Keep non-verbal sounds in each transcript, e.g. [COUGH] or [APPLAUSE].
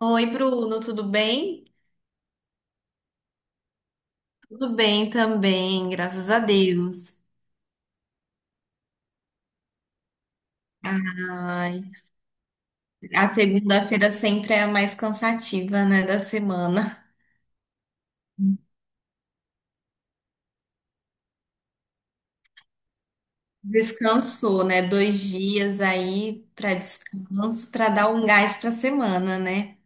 Oi, Bruno, tudo bem? Tudo bem também, graças a Deus. Ai, a segunda-feira sempre é a mais cansativa, né, da semana. Descansou, né? Dois dias aí para descanso, para dar um gás para a semana, né?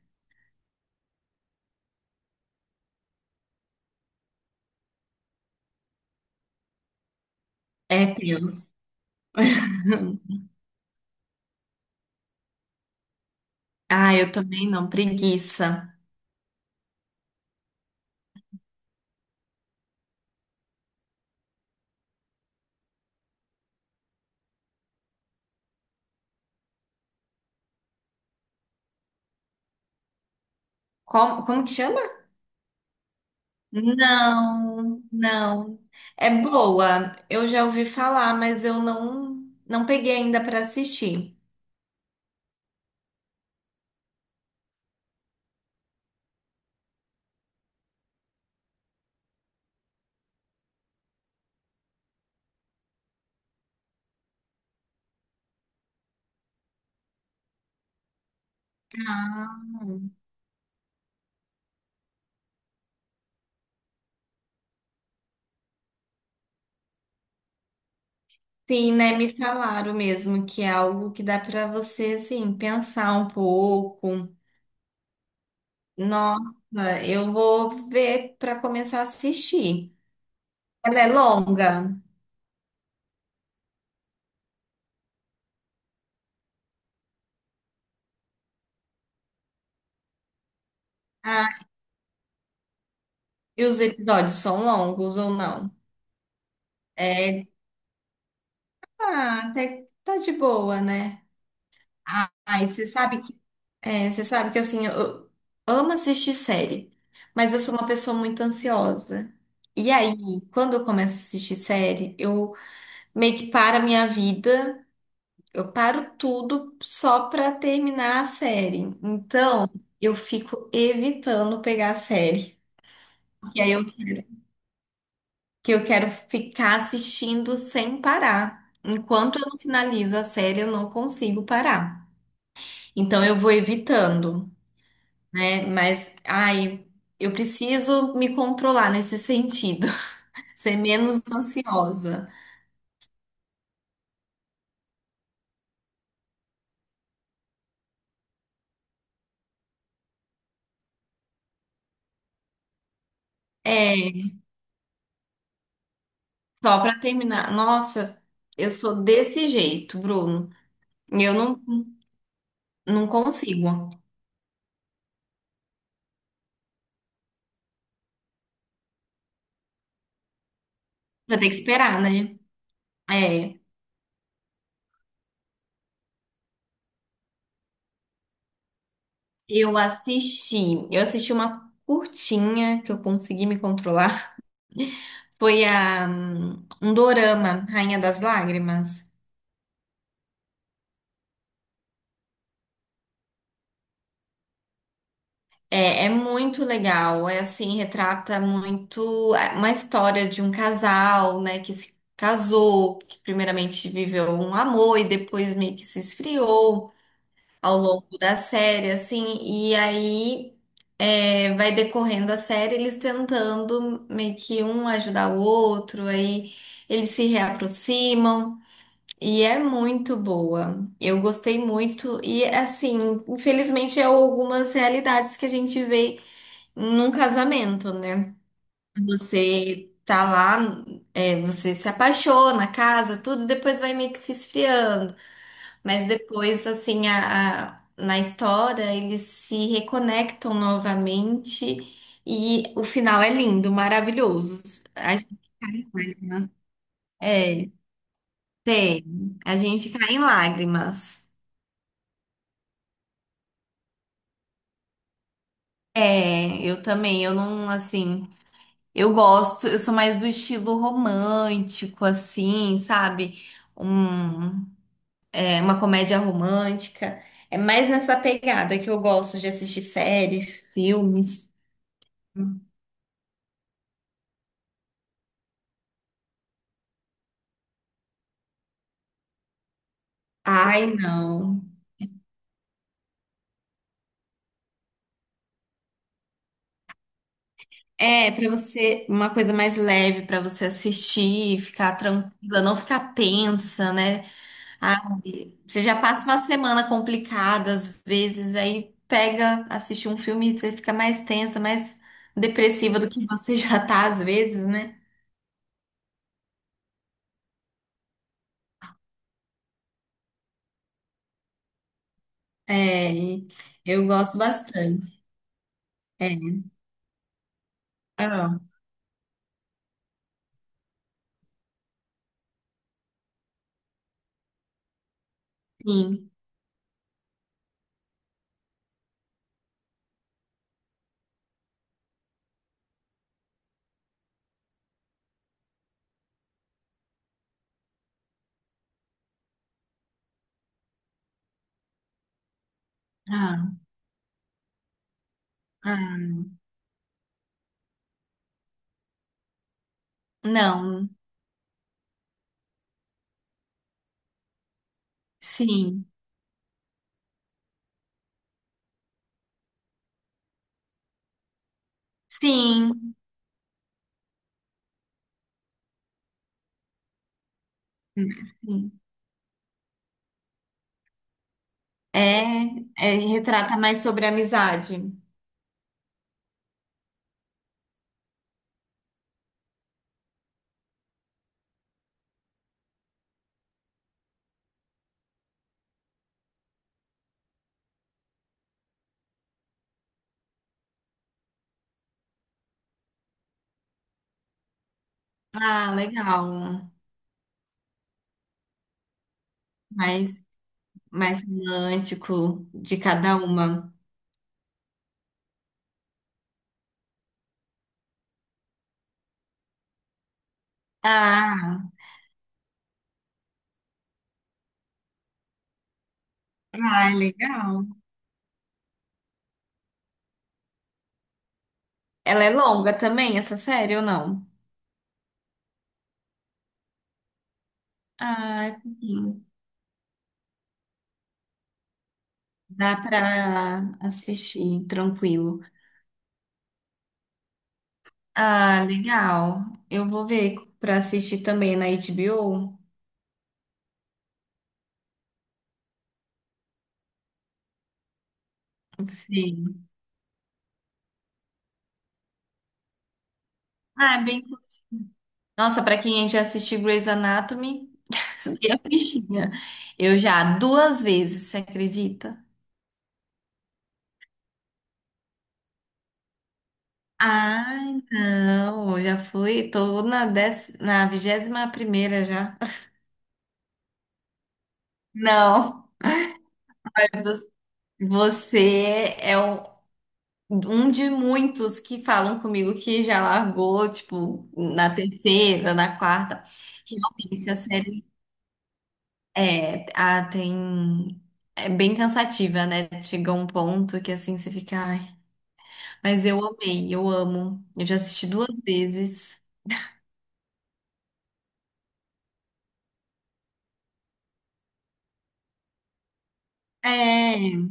É, tenso. Ah, eu também não, preguiça. Como que chama? Não, não. É boa. Eu já ouvi falar, mas eu não peguei ainda para assistir. Sim, né? Me falaram mesmo que é algo que dá para você, assim, pensar um pouco. Nossa, eu vou ver para começar a assistir. Ela é longa? Ah, e os episódios são longos ou não? É, ah, até que tá de boa, né? Ah, e você sabe que, assim, eu amo assistir série, mas eu sou uma pessoa muito ansiosa. E aí, quando eu começo a assistir série, eu meio que para a minha vida. Eu paro tudo só pra terminar a série. Então, eu fico evitando pegar a série. Porque aí eu quero ficar assistindo sem parar. Enquanto eu não finalizo a série, eu não consigo parar. Então, eu vou evitando, né? Mas, ai, eu preciso me controlar nesse sentido. [LAUGHS] Ser menos ansiosa. É, só pra terminar. Nossa, eu sou desse jeito, Bruno. Eu não consigo. Vai ter que esperar, né? É. Eu assisti. Eu assisti uma curtinha que eu consegui me controlar. Foi a, um dorama, Rainha das Lágrimas. É, é muito legal. É assim, retrata muito uma história de um casal, né, que se casou, que primeiramente viveu um amor e depois meio que se esfriou ao longo da série, assim, e aí é, vai decorrendo a série eles tentando meio que um ajudar o outro, aí eles se reaproximam. E é muito boa. Eu gostei muito. E assim, infelizmente é algumas realidades que a gente vê num casamento, né? Você tá lá, é, você se apaixona, casa, tudo, depois vai meio que se esfriando. Mas depois, assim, na história, eles se reconectam novamente e o final é lindo, maravilhoso. A- é, tem. A gente cai em lágrimas. É, eu também, eu não, assim, eu gosto, eu sou mais do estilo romântico, assim, sabe? Um, é, uma comédia romântica. É mais nessa pegada que eu gosto de assistir séries, filmes. Ai, não. É, pra você, uma coisa mais leve pra você assistir, ficar tranquila, não ficar tensa, né? Ah, você já passa uma semana complicada, às vezes, aí pega, assiste um filme e você fica mais tensa, mais depressiva do que você [LAUGHS] já tá, às vezes, né? É, e eu gosto bastante. É, ah, sim. Ah, ah, não, sim, sim, sim. É, é, retrata mais sobre a amizade. Ah, legal. Mais, mais romântico de cada uma. Ah, ah, é legal. Ela é longa também, essa série ou não? Ah, é pouquinho. Dá pra assistir tranquilo. Ah, legal. Eu vou ver pra assistir também na HBO. Sim. Ah, é bem. Nossa, pra quem já assistiu Grey's Anatomy, [LAUGHS] subir a fichinha. Eu já duas vezes, você acredita? Ai, não, já fui, tô na dez, na vigésima primeira já. [LAUGHS] Não, você é um de muitos que falam comigo que já largou, tipo, na terceira, na quarta. Realmente, a série é, a, tem, é bem cansativa, né? Chega um ponto que assim você fica, ai, mas eu amei, eu amo. Eu já assisti duas vezes. É,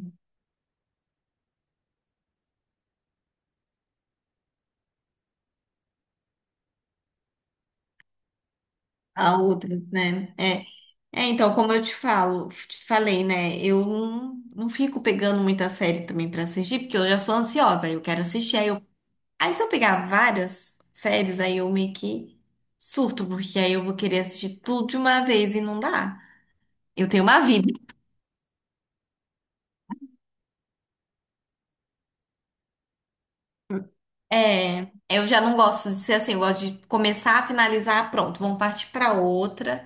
a outras, né? É, É, então, como eu te falei, né? Eu não fico pegando muita série também pra assistir, porque eu já sou ansiosa, aí eu quero assistir, aí eu... Aí se eu pegar várias séries, aí eu meio que surto, porque aí eu vou querer assistir tudo de uma vez e não dá. Eu tenho uma vida. É, eu já não gosto de ser assim, eu gosto de começar, finalizar, pronto, vamos partir pra outra.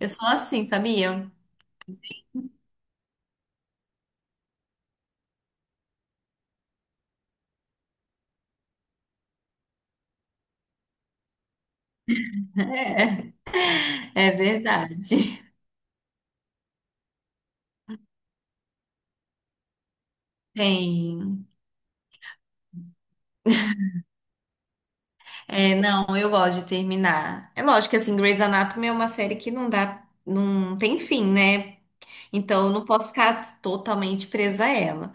Eu sou assim, sabia? É verdade. [LAUGHS] Tem. É, não, eu gosto de terminar. É lógico que assim, Grey's Anatomy é uma série que não dá, não tem fim, né? Então eu não posso ficar totalmente presa a ela.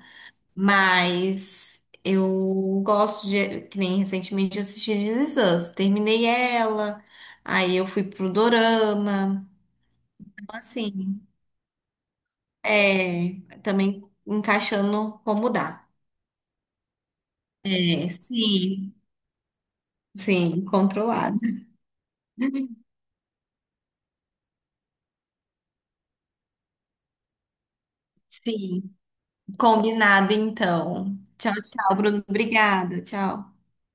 Mas eu gosto de, que nem recentemente eu assisti This Is Us. Terminei ela, aí eu fui pro Dorama. Então, assim, é, também encaixando como dá. É, sim, sim, controlado. Sim. Combinado, então. Tchau, tchau, Bruno. Obrigada. Tchau.